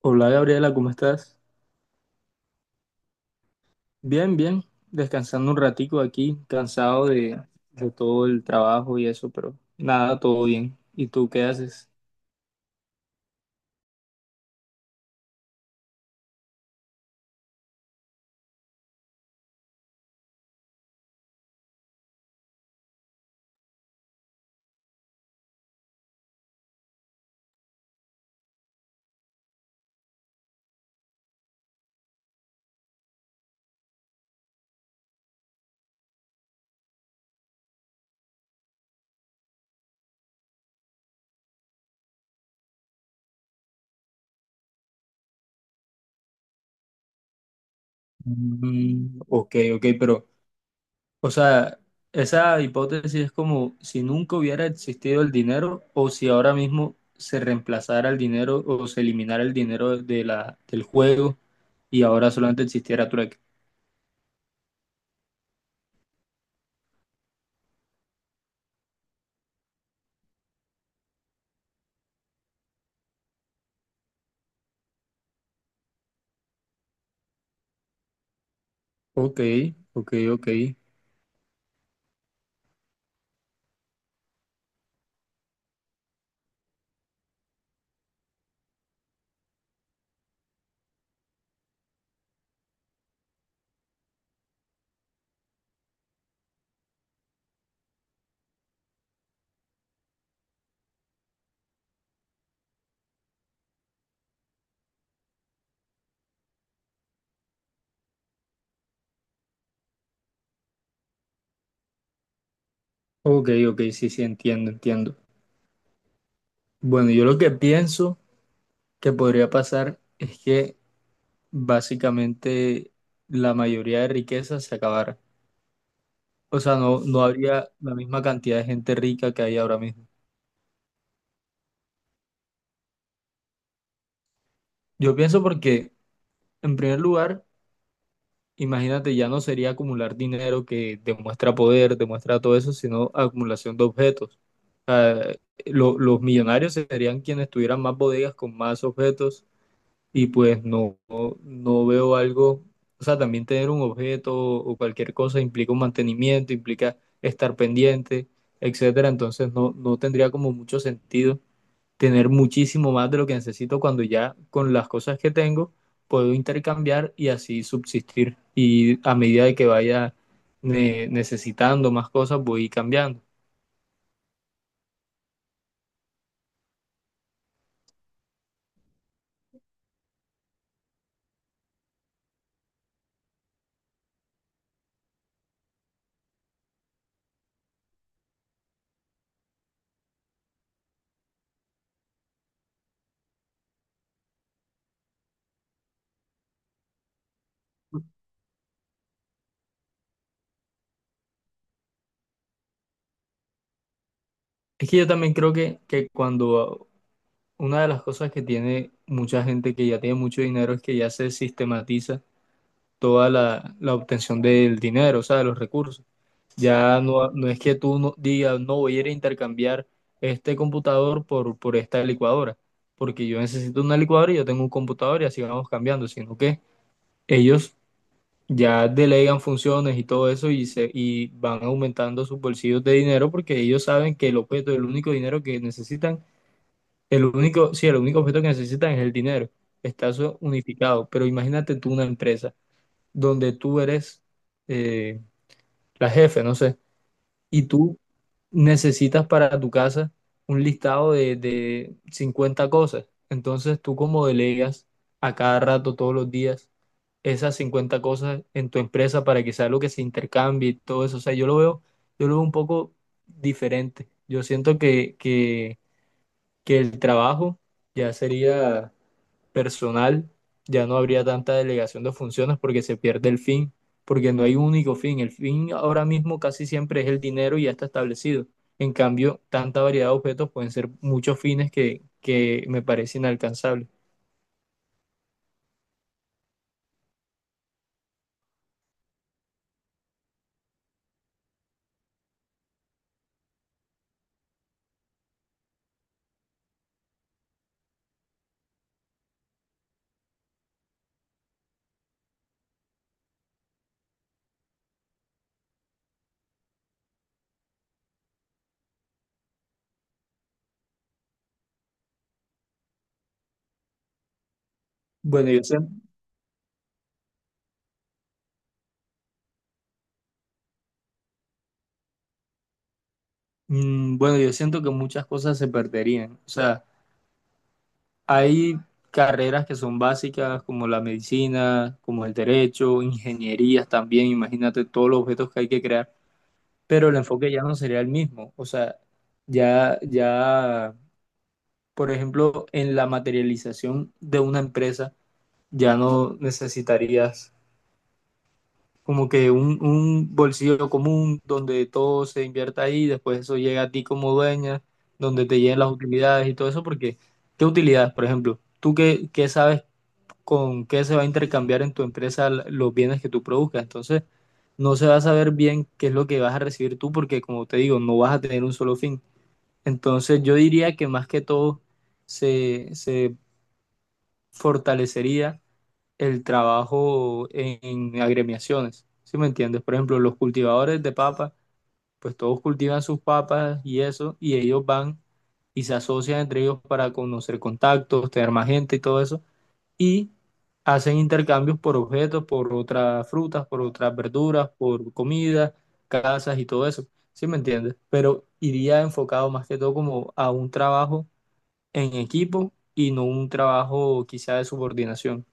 Hola Gabriela, ¿cómo estás? Bien, bien, descansando un ratico aquí, cansado de todo el trabajo y eso, pero nada, todo bien. ¿Y tú qué haces? Ok, ok, pero, o sea, esa hipótesis es como si nunca hubiera existido el dinero o si ahora mismo se reemplazara el dinero o se eliminara el dinero de la, del juego y ahora solamente existiera trueque. Ok, ok, ok, ok, ok, sí, sí, entiendo, entiendo. Bueno, yo lo que pienso que podría pasar es que básicamente la mayoría de riquezas se acabara. O sea, no, no habría la misma cantidad de gente rica que hay ahora mismo. Yo pienso porque, en primer lugar, imagínate, ya no sería acumular dinero que demuestra poder, demuestra todo eso, sino acumulación de objetos. O sea, los millonarios serían quienes tuvieran más bodegas con más objetos y pues no, no no veo algo, o sea, también tener un objeto o cualquier cosa implica un mantenimiento, implica estar pendiente, etcétera, entonces no, no tendría como mucho sentido tener muchísimo más de lo que necesito cuando ya con las cosas que tengo puedo intercambiar y así subsistir y a medida de que vaya necesitando más cosas voy cambiando. Es que yo también creo que, cuando una de las cosas que tiene mucha gente que ya tiene mucho dinero es que ya se sistematiza toda la obtención del dinero, o sea, de los recursos. Ya no, no es que tú no, digas, no voy a ir a intercambiar este computador por esta licuadora, porque yo necesito una licuadora y yo tengo un computador y así vamos cambiando, sino que ellos ya delegan funciones y todo eso y, se, y van aumentando sus bolsillos de dinero porque ellos saben que el objeto, el único dinero que necesitan el único, sí, el único objeto que necesitan es el dinero. Está eso unificado. Pero imagínate tú una empresa donde tú eres eh, la jefe, no sé, y tú necesitas para tu casa un listado de 50 cosas. Entonces tú como delegas a cada rato, todos los días, esas 50 cosas en tu empresa para que sea lo que se intercambie y todo eso. O sea, yo lo veo un poco diferente. Yo siento que el trabajo ya sería personal, ya no habría tanta delegación de funciones porque se pierde el fin, porque no hay un único fin. El fin ahora mismo casi siempre es el dinero y ya está establecido. En cambio, tanta variedad de objetos pueden ser muchos fines que me parece inalcanzable. Bueno, yo siento, bueno, yo siento que muchas cosas se perderían. O sea, hay carreras que son básicas como la medicina, como el derecho, ingenierías también. Imagínate todos los objetos que hay que crear, pero el enfoque ya no sería el mismo. O sea, ya, ya, por ejemplo, en la materialización de una empresa, ya no necesitarías como que un bolsillo común donde todo se invierta ahí, después eso llega a ti como dueña, donde te lleguen las utilidades y todo eso, porque ¿qué utilidades, por ejemplo? ¿Tú qué, qué sabes con qué se va a intercambiar en tu empresa los bienes que tú produzcas? Entonces, no se va a saber bien qué es lo que vas a recibir tú, porque como te digo, no vas a tener un solo fin. Entonces yo diría que más que todo se, se fortalecería el trabajo en agremiaciones, ¿sí me entiendes? Por ejemplo, los cultivadores de papas, pues todos cultivan sus papas y eso, y ellos van y se asocian entre ellos para conocer contactos, tener más gente y todo eso, y hacen intercambios por objetos, por otras frutas, por otras verduras, por comida, casas y todo eso, ¿sí me entiendes? Pero iría enfocado más que todo como a un trabajo en equipo y no un trabajo quizá de subordinación.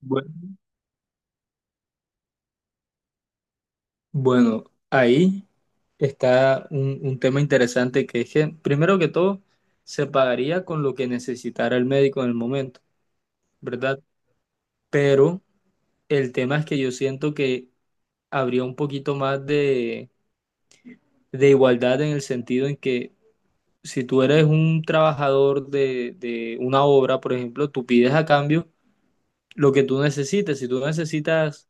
Bueno, bueno, ahí está un tema interesante que es que, primero que todo, se pagaría con lo que necesitara el médico en el momento, ¿verdad? Pero el tema es que yo siento que habría un poquito más de igualdad en el sentido en que si tú eres un trabajador de una obra, por ejemplo, tú pides a cambio lo que tú necesites. Si tú necesitas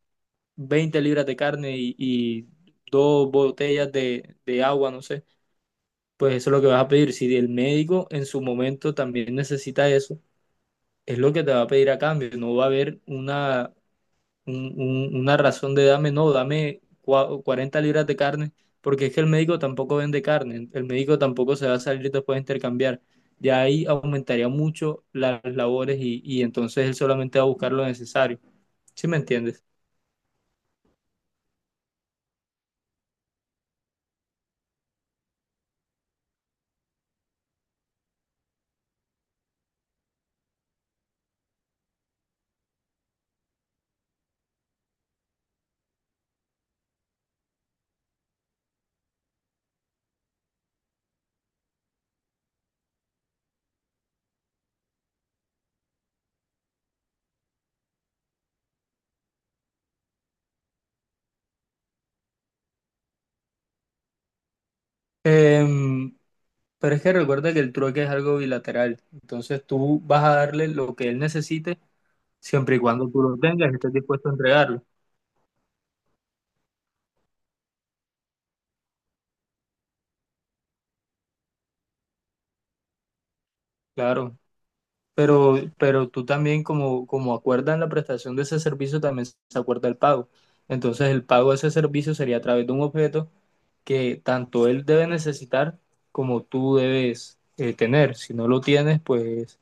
20 libras de carne y dos botellas de agua, no sé, pues eso es lo que vas a pedir. Si el médico en su momento también necesita eso, es lo que te va a pedir a cambio. No va a haber una razón de dame, no, dame 40 libras de carne, porque es que el médico tampoco vende carne, el médico tampoco se va a salir después de intercambiar. Ya ahí aumentaría mucho las labores y entonces él solamente va a buscar lo necesario. ¿Sí me entiendes? Em, Pero es que recuerda que el trueque es algo bilateral. Entonces tú vas a darle lo que él necesite siempre y cuando tú lo tengas y estés dispuesto a entregarlo. Claro. Pero tú también, como, como acuerdan la prestación de ese servicio, también se acuerda el pago. Entonces el pago de ese servicio sería a través de un objeto que tanto él debe necesitar como tú debes tener. Si no lo tienes, pues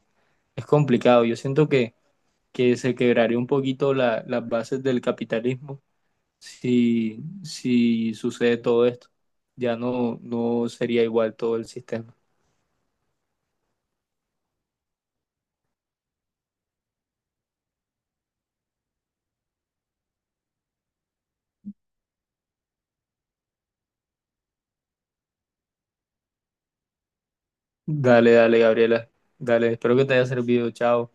es complicado. Yo siento que, se quebraría un poquito las bases del capitalismo si, si sucede todo esto. Ya no, no sería igual todo el sistema. Dale, dale, Gabriela. Dale, espero que te haya servido. Chao.